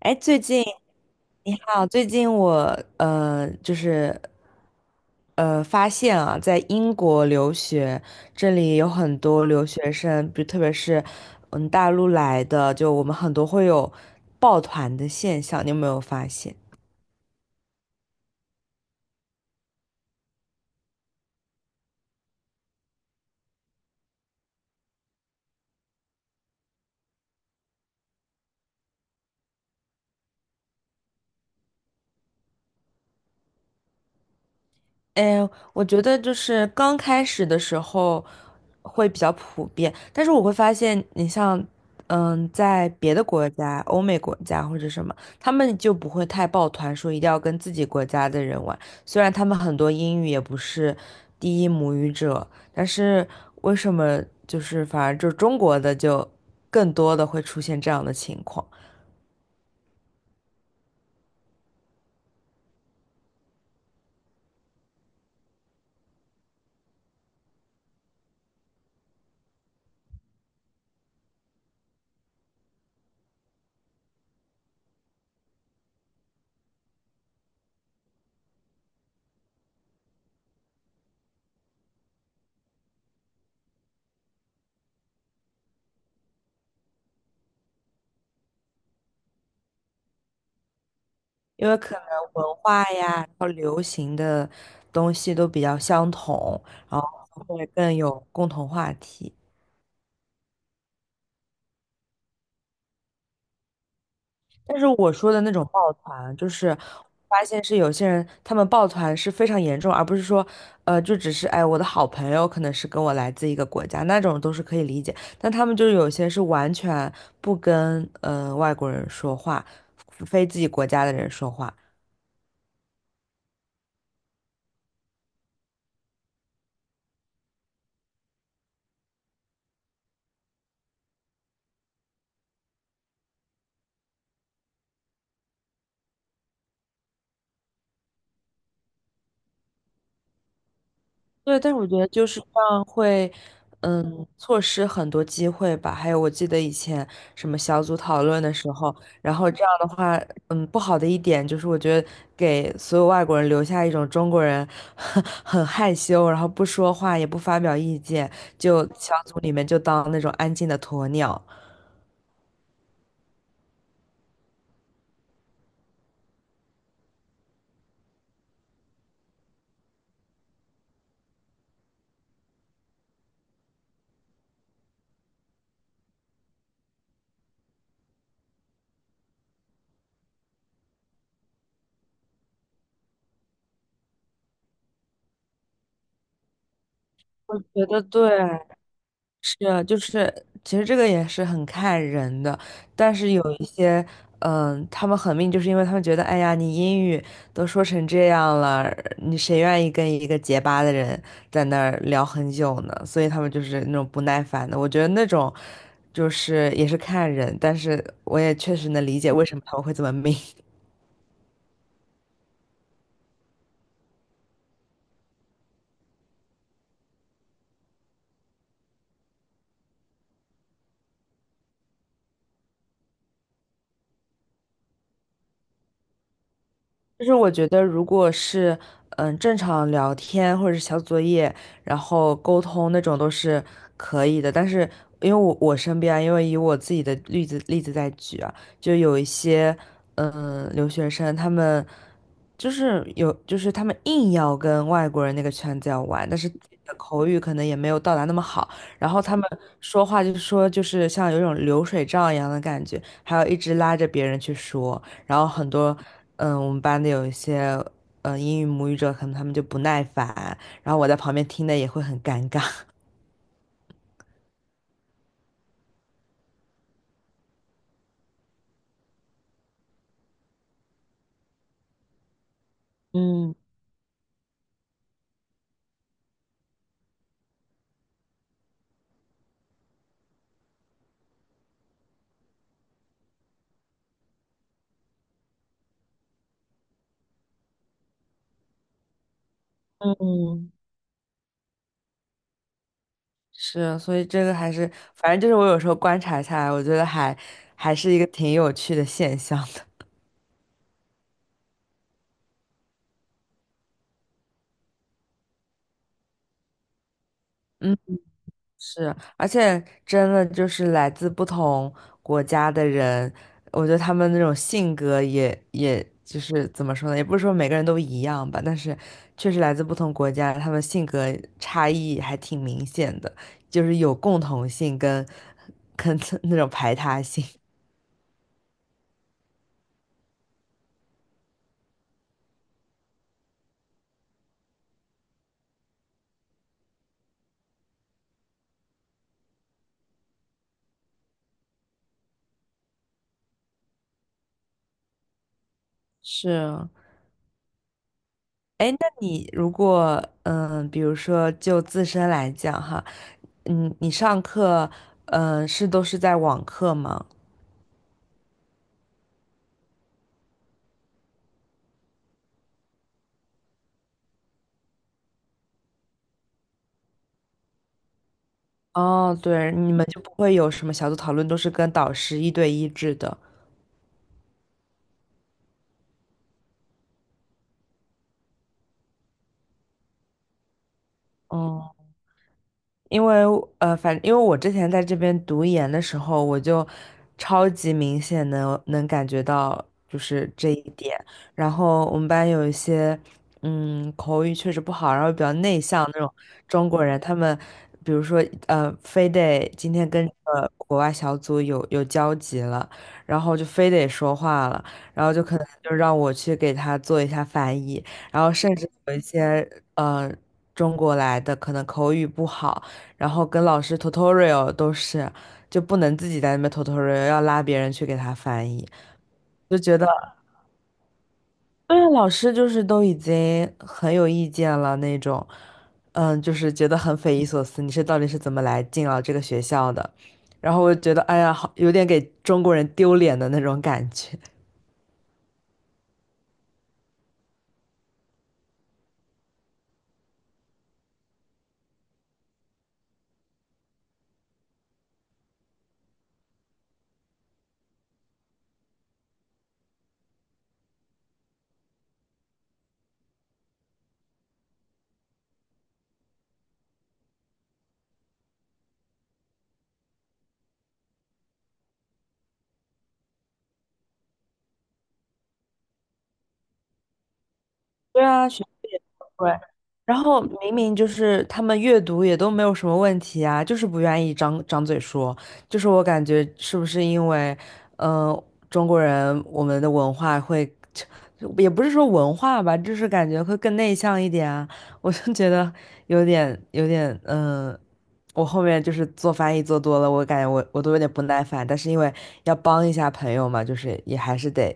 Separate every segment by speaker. Speaker 1: 哎，你好，最近我就是发现啊，在英国留学，这里有很多留学生，特别是大陆来的，就我们很多会有抱团的现象，你有没有发现？哎，我觉得就是刚开始的时候会比较普遍，但是我会发现，你像，在别的国家，欧美国家或者什么，他们就不会太抱团，说一定要跟自己国家的人玩。虽然他们很多英语也不是第一母语者，但是为什么就是反而就中国的就更多的会出现这样的情况？因为可能文化呀，然后流行的东西都比较相同，然后会更有共同话题。但是我说的那种抱团，就是发现是有些人他们抱团是非常严重，而不是说，就只是哎，我的好朋友可能是跟我来自一个国家，那种都是可以理解。但他们就是有些是完全不跟外国人说话，非自己国家的人说话。对，但是我觉得就是这样会，错失很多机会吧。还有，我记得以前什么小组讨论的时候，然后这样的话，不好的一点就是，我觉得给所有外国人留下一种中国人 很害羞，然后不说话也不发表意见，就小组里面就当那种安静的鸵鸟。我觉得对，是啊，就是其实这个也是很看人的，但是有一些，他们很命，就是因为他们觉得，哎呀，你英语都说成这样了，你谁愿意跟一个结巴的人在那儿聊很久呢？所以他们就是那种不耐烦的。我觉得那种就是也是看人，但是我也确实能理解为什么他们会这么命。就是我觉得，如果是正常聊天或者是小作业，然后沟通那种都是可以的。但是因为我身边啊因为以我自己的例子在举啊，就有一些留学生，他们就是有就是他们硬要跟外国人那个圈子要玩，但是自己的口语可能也没有到达那么好，然后他们说话就是像有一种流水账一样的感觉，还要一直拉着别人去说。然后很多，我们班的有一些，英语母语者，可能他们就不耐烦，然后我在旁边听的也会很尴尬。嗯嗯，是，所以这个还是，反正就是我有时候观察下来，我觉得还是一个挺有趣的现象的。嗯。是，而且真的就是来自不同国家的人，我觉得他们那种性格也就是怎么说呢，也不是说每个人都一样吧，但是确实来自不同国家，他们性格差异还挺明显的，就是有共同性跟 那种排他性。是，哎，那你如果比如说就自身来讲哈，你上课是都是在网课吗？哦，对，你们就不会有什么小组讨论，都是跟导师一对一制的。哦、因为因为我之前在这边读研的时候，我就超级明显能感觉到就是这一点。然后我们班有一些口语确实不好，然后比较内向那种中国人，他们比如说非得今天跟国外小组有交集了，然后就非得说话了，然后就可能就让我去给他做一下翻译，然后甚至有一些呃中国来的可能口语不好。然后跟老师 tutorial 都是，就不能自己在那边 tutorial，要拉别人去给他翻译，就觉得对啊，老师就是都已经很有意见了那种，就是觉得很匪夷所思，你到底是怎么来进了这个学校的？然后我就觉得，哎呀，好有点给中国人丢脸的那种感觉。对啊，学费也不贵。然后明明就是他们阅读也都没有什么问题啊，就是不愿意张张嘴说。就是我感觉是不是因为，嗯，中国人我们的文化会，也不是说文化吧，就是感觉会更内向一点啊。我就觉得有点，我后面就是做翻译做多了，我感觉我都有点不耐烦，但是因为要帮一下朋友嘛，就是也还是得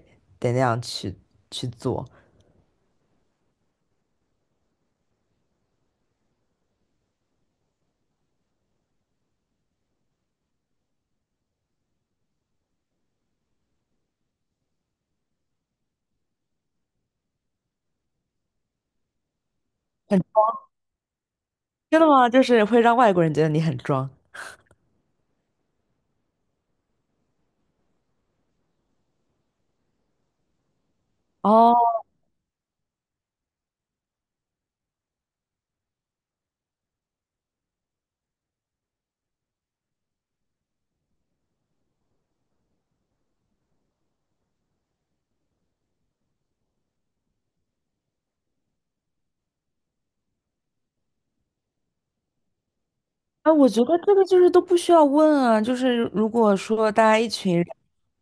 Speaker 1: 得那样去做。真的吗？就是会让外国人觉得你很装哦。那我觉得这个就是都不需要问啊，就是如果说大家一群人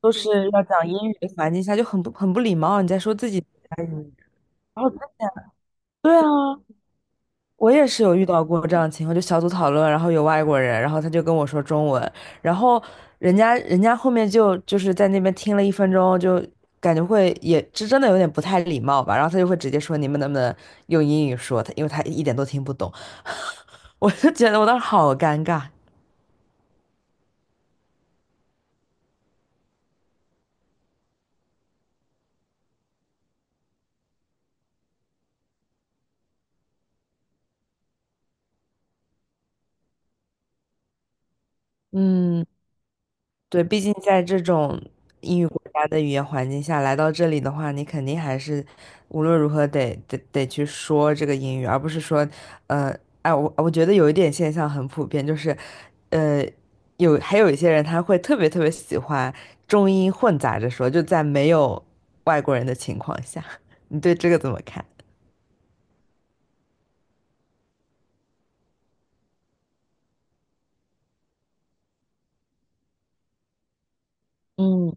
Speaker 1: 都是要讲英语的环境下，就很不礼貌。你在说自己，然后对啊，我也是有遇到过这样的情况，就小组讨论，然后有外国人，然后他就跟我说中文，然后人家后面就是在那边听了1分钟，就感觉会也这真的有点不太礼貌吧，然后他就会直接说你们能不能用英语说，因为他一点都听不懂。我就觉得我当时好尴尬。嗯，对，毕竟在这种英语国家的语言环境下来到这里的话，你肯定还是无论如何得去说这个英语，而不是说，呃，哎，我觉得有一点现象很普遍，就是，呃，还有一些人他会特别特别喜欢中英混杂着说，就在没有外国人的情况下，你对这个怎么看？嗯。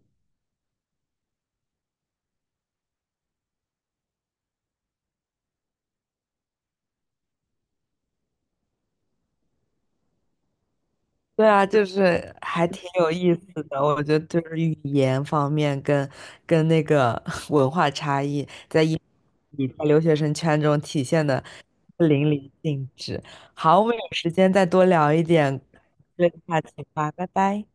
Speaker 1: 对啊，就是还挺有意思的，我觉得就是语言方面跟那个 文化差异，你在留学生圈中体现的淋漓尽致。好，我们有时间再多聊一点这个话题吧，拜拜。